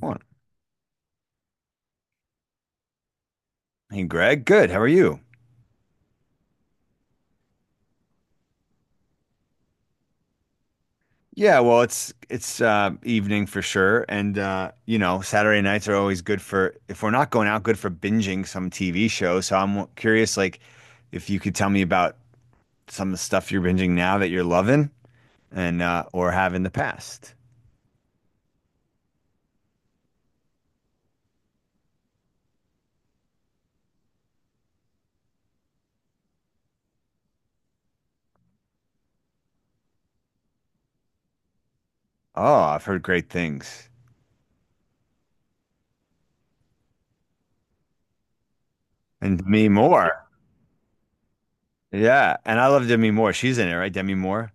What? Hey, Greg. Good. How are you? Yeah, well, it's evening for sure, and you know, Saturday nights are always good for if we're not going out, good for binging some TV show. So I'm curious, like, if you could tell me about some of the stuff you're binging now that you're loving and or have in the past. Oh, I've heard great things. And Demi Moore. Yeah, and I love Demi Moore. She's in it, right? Demi Moore.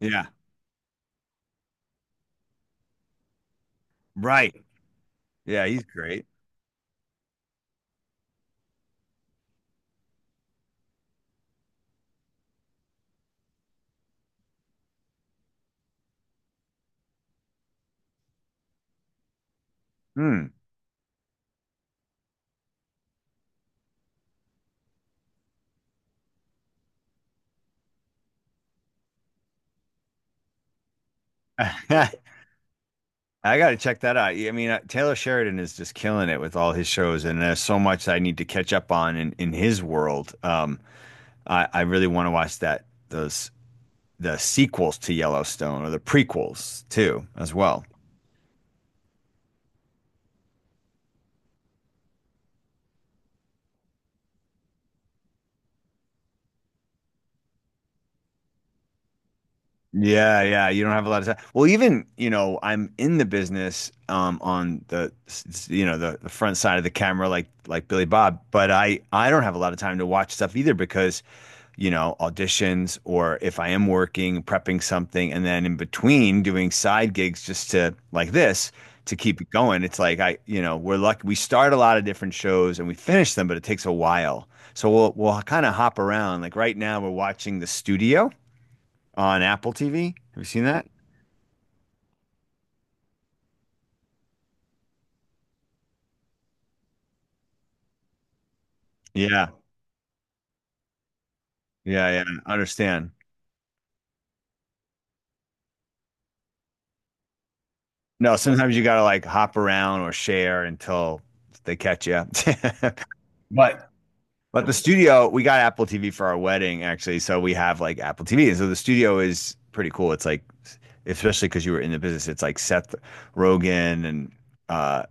Yeah. Right. Yeah, he's great. Hmm. I got to check that out. Yeah, I mean, Taylor Sheridan is just killing it with all his shows, and there's so much I need to catch up on in his world. I really want to watch that those the sequels to Yellowstone or the prequels too, as well. Yeah, yeah, you don't have a lot of time. Well, even you know, I'm in the business on the you know the front side of the camera, like Billy Bob, but I don't have a lot of time to watch stuff either because you know, auditions or if I am working, prepping something, and then in between doing side gigs just to like this to keep it going. It's like I, you know, we're lucky we start a lot of different shows and we finish them, but it takes a while. So we'll kind of hop around. Like right now we're watching The Studio on Apple TV. Have you seen that? Yeah. Yeah, yeah. I understand. No, sometimes you gotta like hop around or share until they catch you up. But But the studio, we got Apple TV for our wedding, actually. So we have like Apple TV. And so the studio is pretty cool. It's like, especially because you were in the business, it's like Seth Rogen and uh,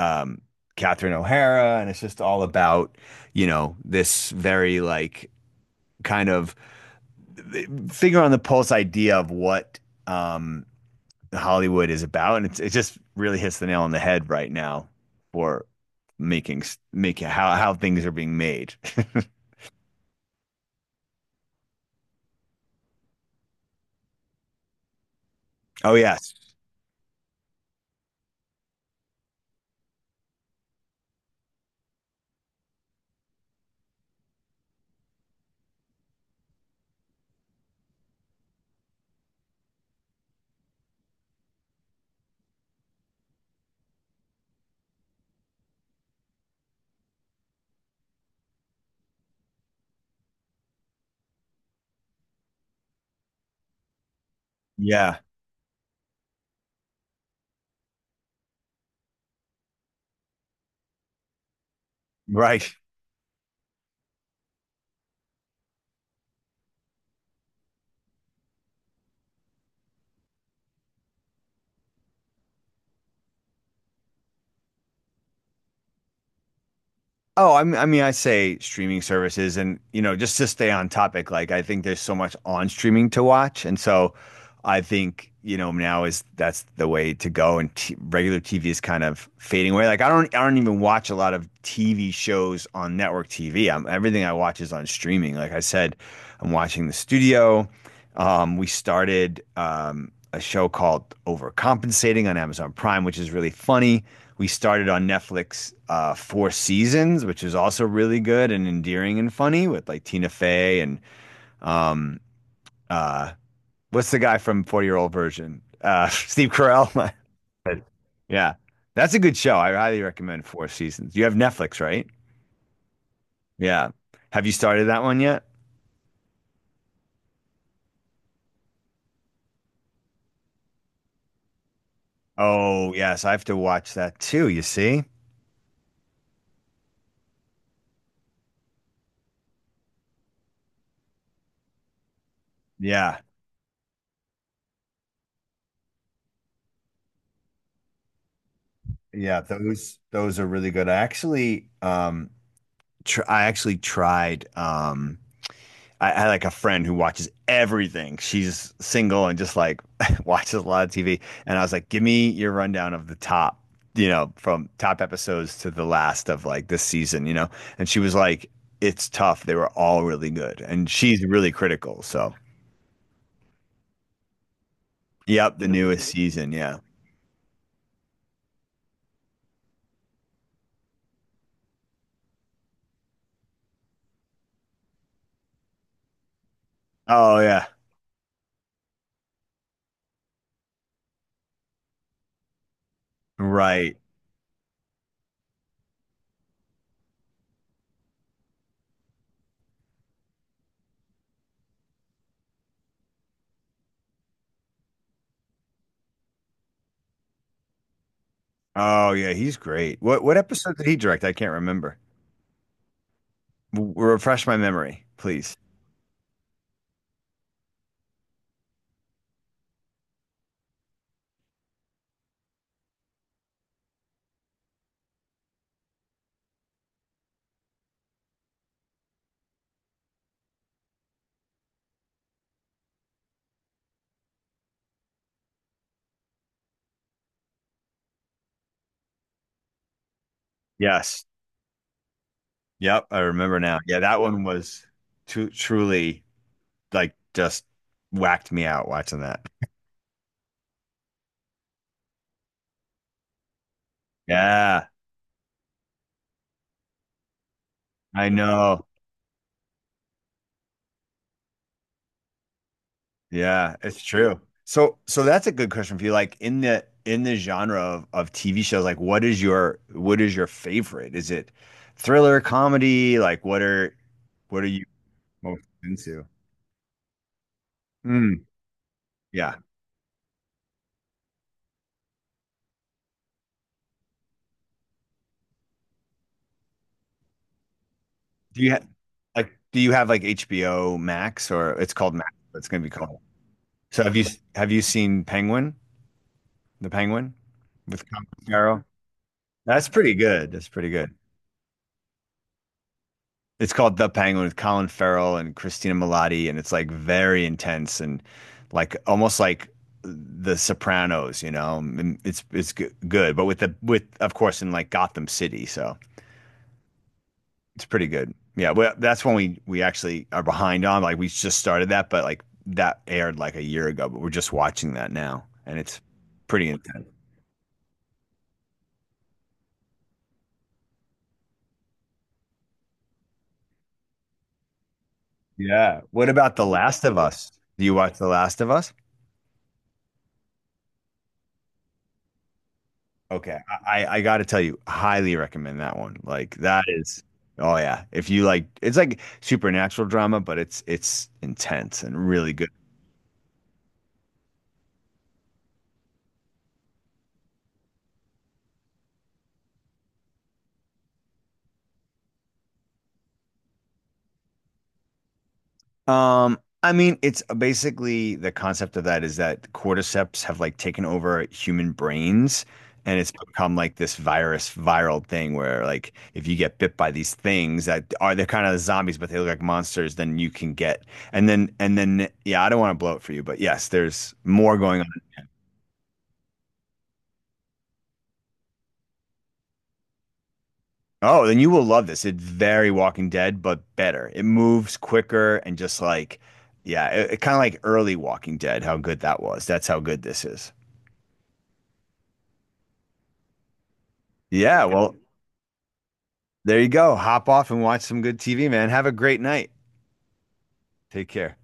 um, Catherine O'Hara. And it's just all about, you know, this very like kind of finger on the pulse idea of what um, Hollywood is about. And it's, it just really hits the nail on the head right now for making, making how things are being made. Oh, yeah. Yeah, right. Oh, I mean, I say streaming services, and you know, just to stay on topic, like I think there's so much on streaming to watch, and so I think you know now is that's the way to go, and t regular TV is kind of fading away. Like I don't even watch a lot of TV shows on network TV. Am everything I watch is on streaming. Like I said, I'm watching The Studio. We started a show called Overcompensating on Amazon Prime, which is really funny. We started on Netflix Four Seasons, which is also really good and endearing and funny with like Tina Fey and um, uh, what's the guy from 40 Year Old Version? Steve Carell. Yeah, that's a good show. I highly recommend Four Seasons. You have Netflix, right? Yeah. Have you started that one yet? Oh, yes, I have to watch that too, you see? Yeah. Yeah, those are really good. I actually tr I actually tried I had like a friend who watches everything. She's single and just like watches a lot of TV. And I was like, give me your rundown of the top, you know, from top episodes to the last of like this season, you know? And she was like, it's tough. They were all really good. And she's really critical. So, yep, the newest season. Yeah. Oh, yeah. Right. Oh, yeah. He's great. What episode did he direct? I can't remember. W- refresh my memory, please. Yes. Yep, I remember now. Yeah, that one was truly like just whacked me out watching that. Yeah, I know. Yeah, it's true. So so that's a good question for you. Like in the genre of TV shows, like what is your favorite? Is it thriller, comedy? Like what are you most into? Mm, yeah. Do you have like do you have like HBO Max or it's called Max, but it's gonna be called. So have you seen Penguin? The Penguin with Colin Farrell. That's pretty good. That's pretty good. It's called The Penguin with Colin Farrell and Christina Milioti, and it's like very intense and like almost like The Sopranos. You know, and it's good, but with the with of course in like Gotham City, so it's pretty good. Yeah, well, that's when we actually are behind on. Like we just started that, but like that aired like a year ago, but we're just watching that now, and it's pretty intense. Yeah. What about The Last of Us? Do you watch The Last of Us? Okay, I got to tell you, highly recommend that one. Like that is, oh yeah, if you like, it's like supernatural drama, but it's intense and really good. I mean, it's basically the concept of that is that cordyceps have like taken over human brains, and it's become like this viral thing where like if you get bit by these things that are they're kind of zombies, but they look like monsters, then you can get and then yeah, I don't want to blow it for you, but yes, there's more going on. Oh, then you will love this. It's very Walking Dead, but better. It moves quicker and just like, yeah, it kind of like early Walking Dead, how good that was. That's how good this is. Yeah, okay. Well, there you go. Hop off and watch some good TV, man. Have a great night. Take care.